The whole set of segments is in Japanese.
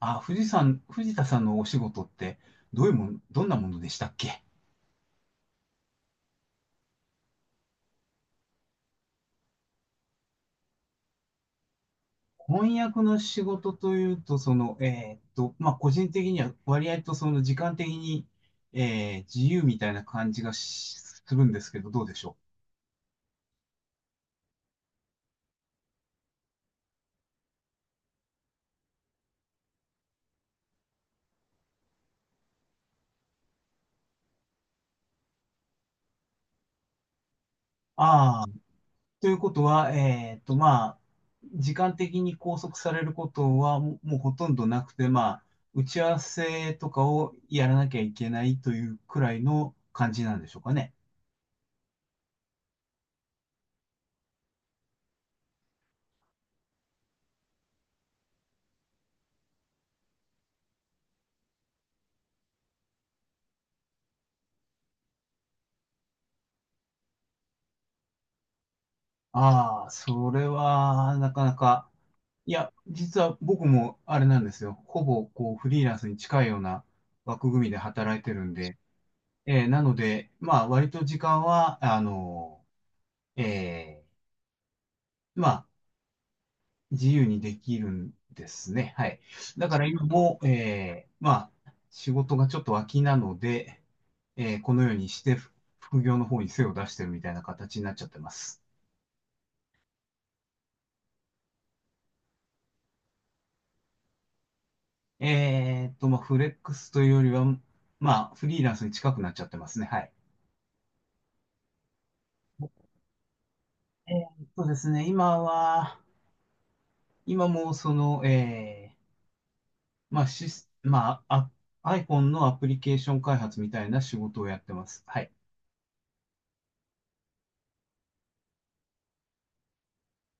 あ、藤さん、藤田さんのお仕事って、どういうもん、どんなものでしたっけ。翻訳の仕事というと、個人的には割合とその時間的に、自由みたいな感じがするんですけど、どうでしょう。ああ、ということは、時間的に拘束されることはうほとんどなくて、まあ、打ち合わせとかをやらなきゃいけないというくらいの感じなんでしょうかね。ああ、それは、なかなか、いや、実は僕もあれなんですよ。ほぼ、こう、フリーランスに近いような枠組みで働いてるんで、なので、まあ、割と時間は、えーまあ、自由にできるんですね。はい。だから今も、仕事がちょっと空きなので、このようにして、副業の方に背を出してるみたいな形になっちゃってます。フレックスというよりは、まあ、フリーランスに近くなっちゃってますね。はい。ですね、今もその、えー、まあ、シス、まあ、あ、iPhone のアプリケーション開発みたいな仕事をやってます。はい。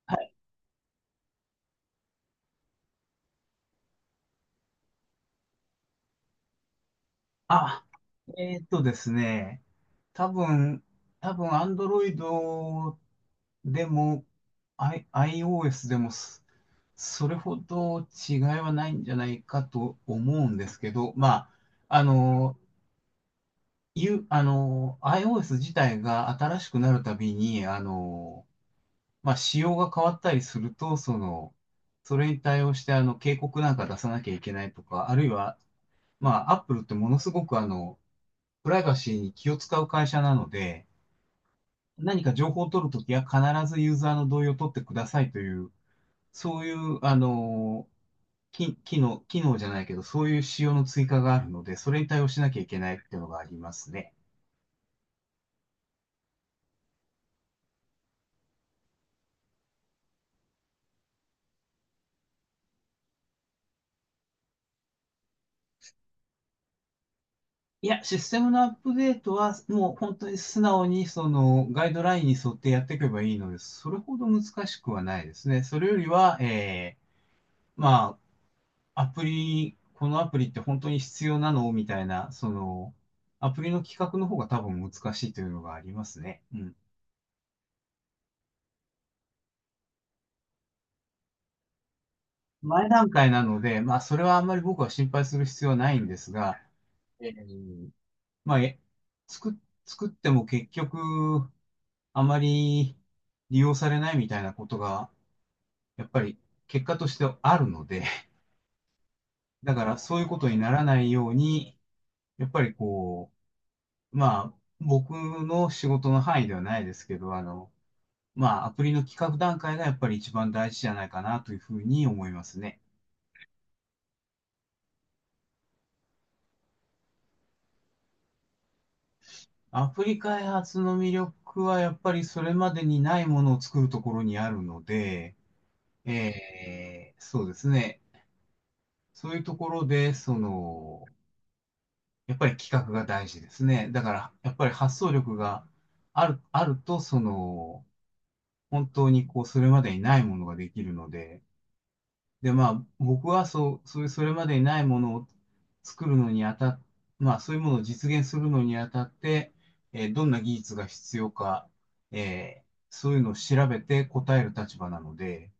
はい。あ、ですね、多分、多分 Android でも、iOS でもす、それほど違いはないんじゃないかと思うんですけど、まあ、あの、いうあの、iOS 自体が新しくなるたびに、仕様が変わったりすると、その、それに対応して、あの、警告なんか出さなきゃいけないとか、あるいは、まあ、Apple ってものすごく、あの、プライバシーに気を使う会社なので、何か情報を取るときは必ずユーザーの同意を取ってくださいという、そういう、あの、き機能、機能じゃないけど、そういう仕様の追加があるので、それに対応しなきゃいけないっていうのがありますね。いや、システムのアップデートは、もう本当に素直にそのガイドラインに沿ってやっていけばいいのでそれほど難しくはないですね。それよりは、えー、まあ、アプリ、このアプリって本当に必要なのみたいな、その、アプリの企画の方が多分難しいというのがありますね。うん。前段階なので、まあ、それはあんまり僕は心配する必要はないんですが、えーまあ、え作、作っても結局、あまり利用されないみたいなことが、やっぱり結果としてあるので、だからそういうことにならないように、やっぱりこう、まあ、僕の仕事の範囲ではないですけど、あの、まあ、アプリの企画段階がやっぱり一番大事じゃないかなというふうに思いますね。アプリ開発の魅力はやっぱりそれまでにないものを作るところにあるので、そうですね。そういうところで、その、やっぱり企画が大事ですね。だから、やっぱり発想力があると、その、本当にこう、それまでにないものができるので、で、まあ、僕はそう、そういう、それまでにないものを作るのにあたっ、まあ、そういうものを実現するのにあたって、えーどんな技術が必要か、えーそういうのを調べて答える立場なので、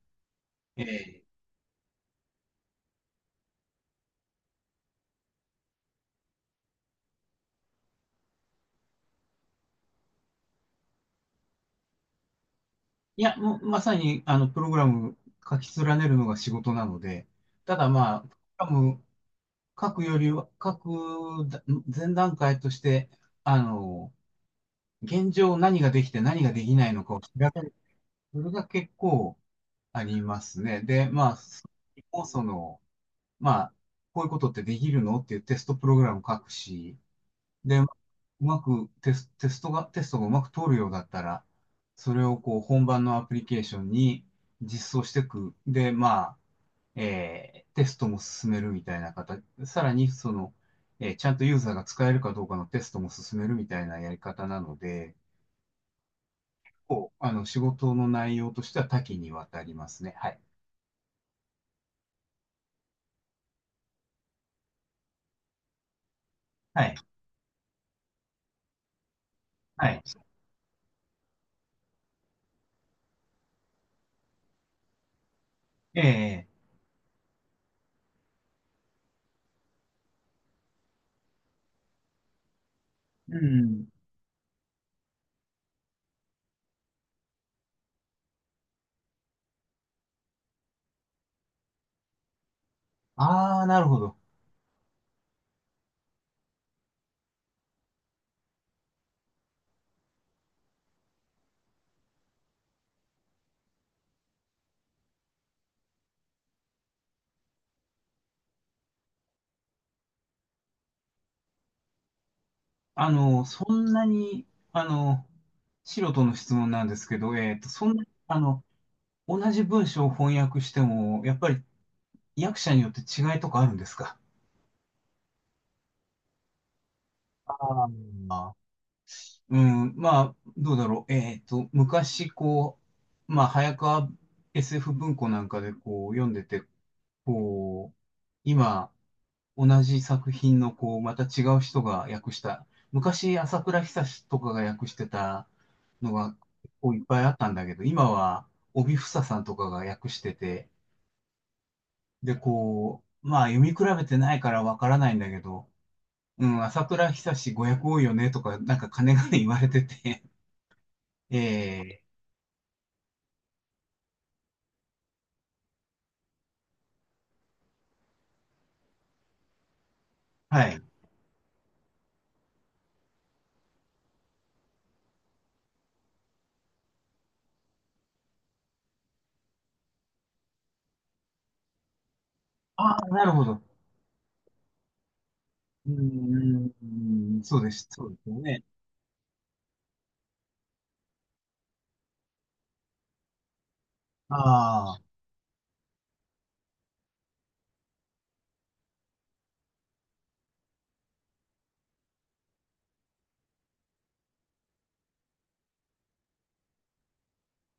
えーいや、もう、まさに、あの、プログラム書き連ねるのが仕事なので、ただまあ、プログラム書くよりは、書く前段階として、あの、現状何ができて何ができないのかを調べる。それが結構ありますね。で、まあ、そもその、まあ、こういうことってできるのっていうテストプログラム書くし、で、うまくテス、テストが、テストがうまく通るようだったら、それをこう本番のアプリケーションに実装していく。で、まあ、えーテストも進めるみたいな形、さらにその、えーちゃんとユーザーが使えるかどうかのテストも進めるみたいなやり方なので、こう、あの、仕事の内容としては多岐にわたりますね。はい。はい。はい。ええうん。ああ、なるほど。あの、そんなに、あの、素人の質問なんですけど、えっと、そんな、あの、同じ文章を翻訳しても、やっぱり役者によって違いとかあるんですか。ああー、うん、まあ、どうだろう。えっと、昔、こう、まあ、早川 SF 文庫なんかで、こう、読んでて、こう、今、同じ作品の、こう、また違う人が訳した、昔、朝倉久とかが訳してたのが、こう、いっぱいあったんだけど、今は、帯房さんとかが訳してて、で、こう、まあ、読み比べてないからわからないんだけど、うん、朝倉久ご訳多いよね、とか、なんか、金がね言われてて、ええはい。ああ、なるほど。うーん、そうです。そうですよね。ああ、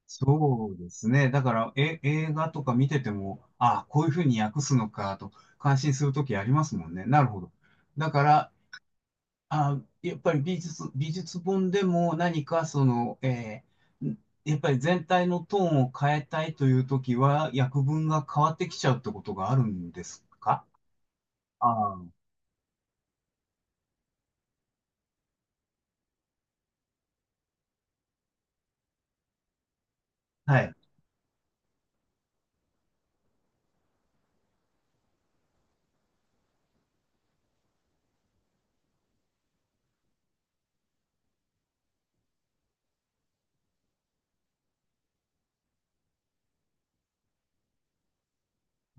そうですね。だから、え、映画とか見てても、ああ、こういうふうに訳すのかと、感心するときありますもんね。なるほど。だから、ああ、やっぱり美術、美術本でも何かその、えーん、やっぱり全体のトーンを変えたいというときは、訳文が変わってきちゃうってことがあるんですか。ああ、はい。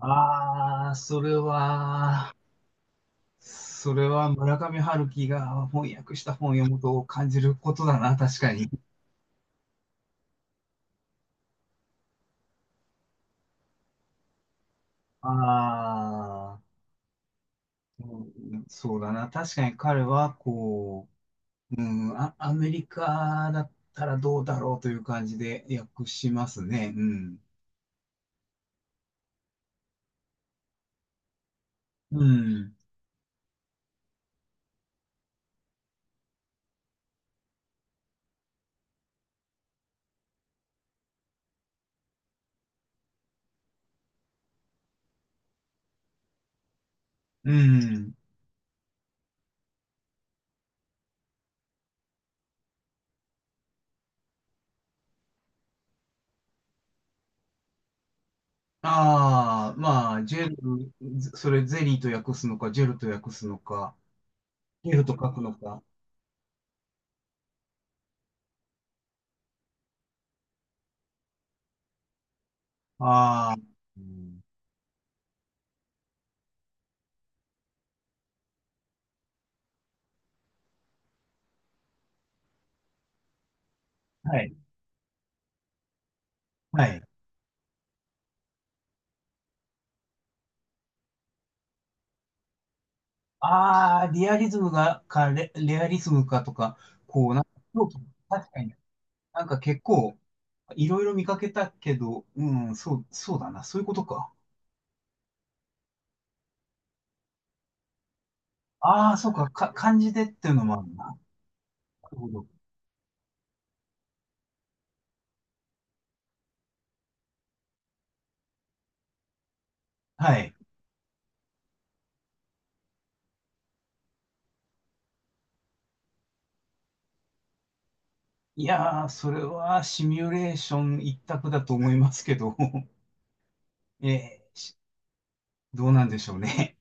ああ、それは、それは村上春樹が翻訳した本を読むと感じることだな、確かに。ああ、うん、そうだな、確かに彼はこう、アメリカだったらどうだろうという感じで訳しますね。うん。うん。うん。ああ、まあ、ジェル、それゼリーと訳すのか、ジェルと訳すのか、ジェルと書くのか。ああ、うん、はい。はい。ああ、リアリズムが、か、レ、レアリズムかとか、こう、なんか、そう確かに、なんか結構、いろいろ見かけたけど、うん、そうだな、そういうことか。ああ、そうか、か、漢字でっていうのもあるな。なるほど。はい。いやー、それはシミュレーション一択だと思いますけど、えーしどうなんでしょうね。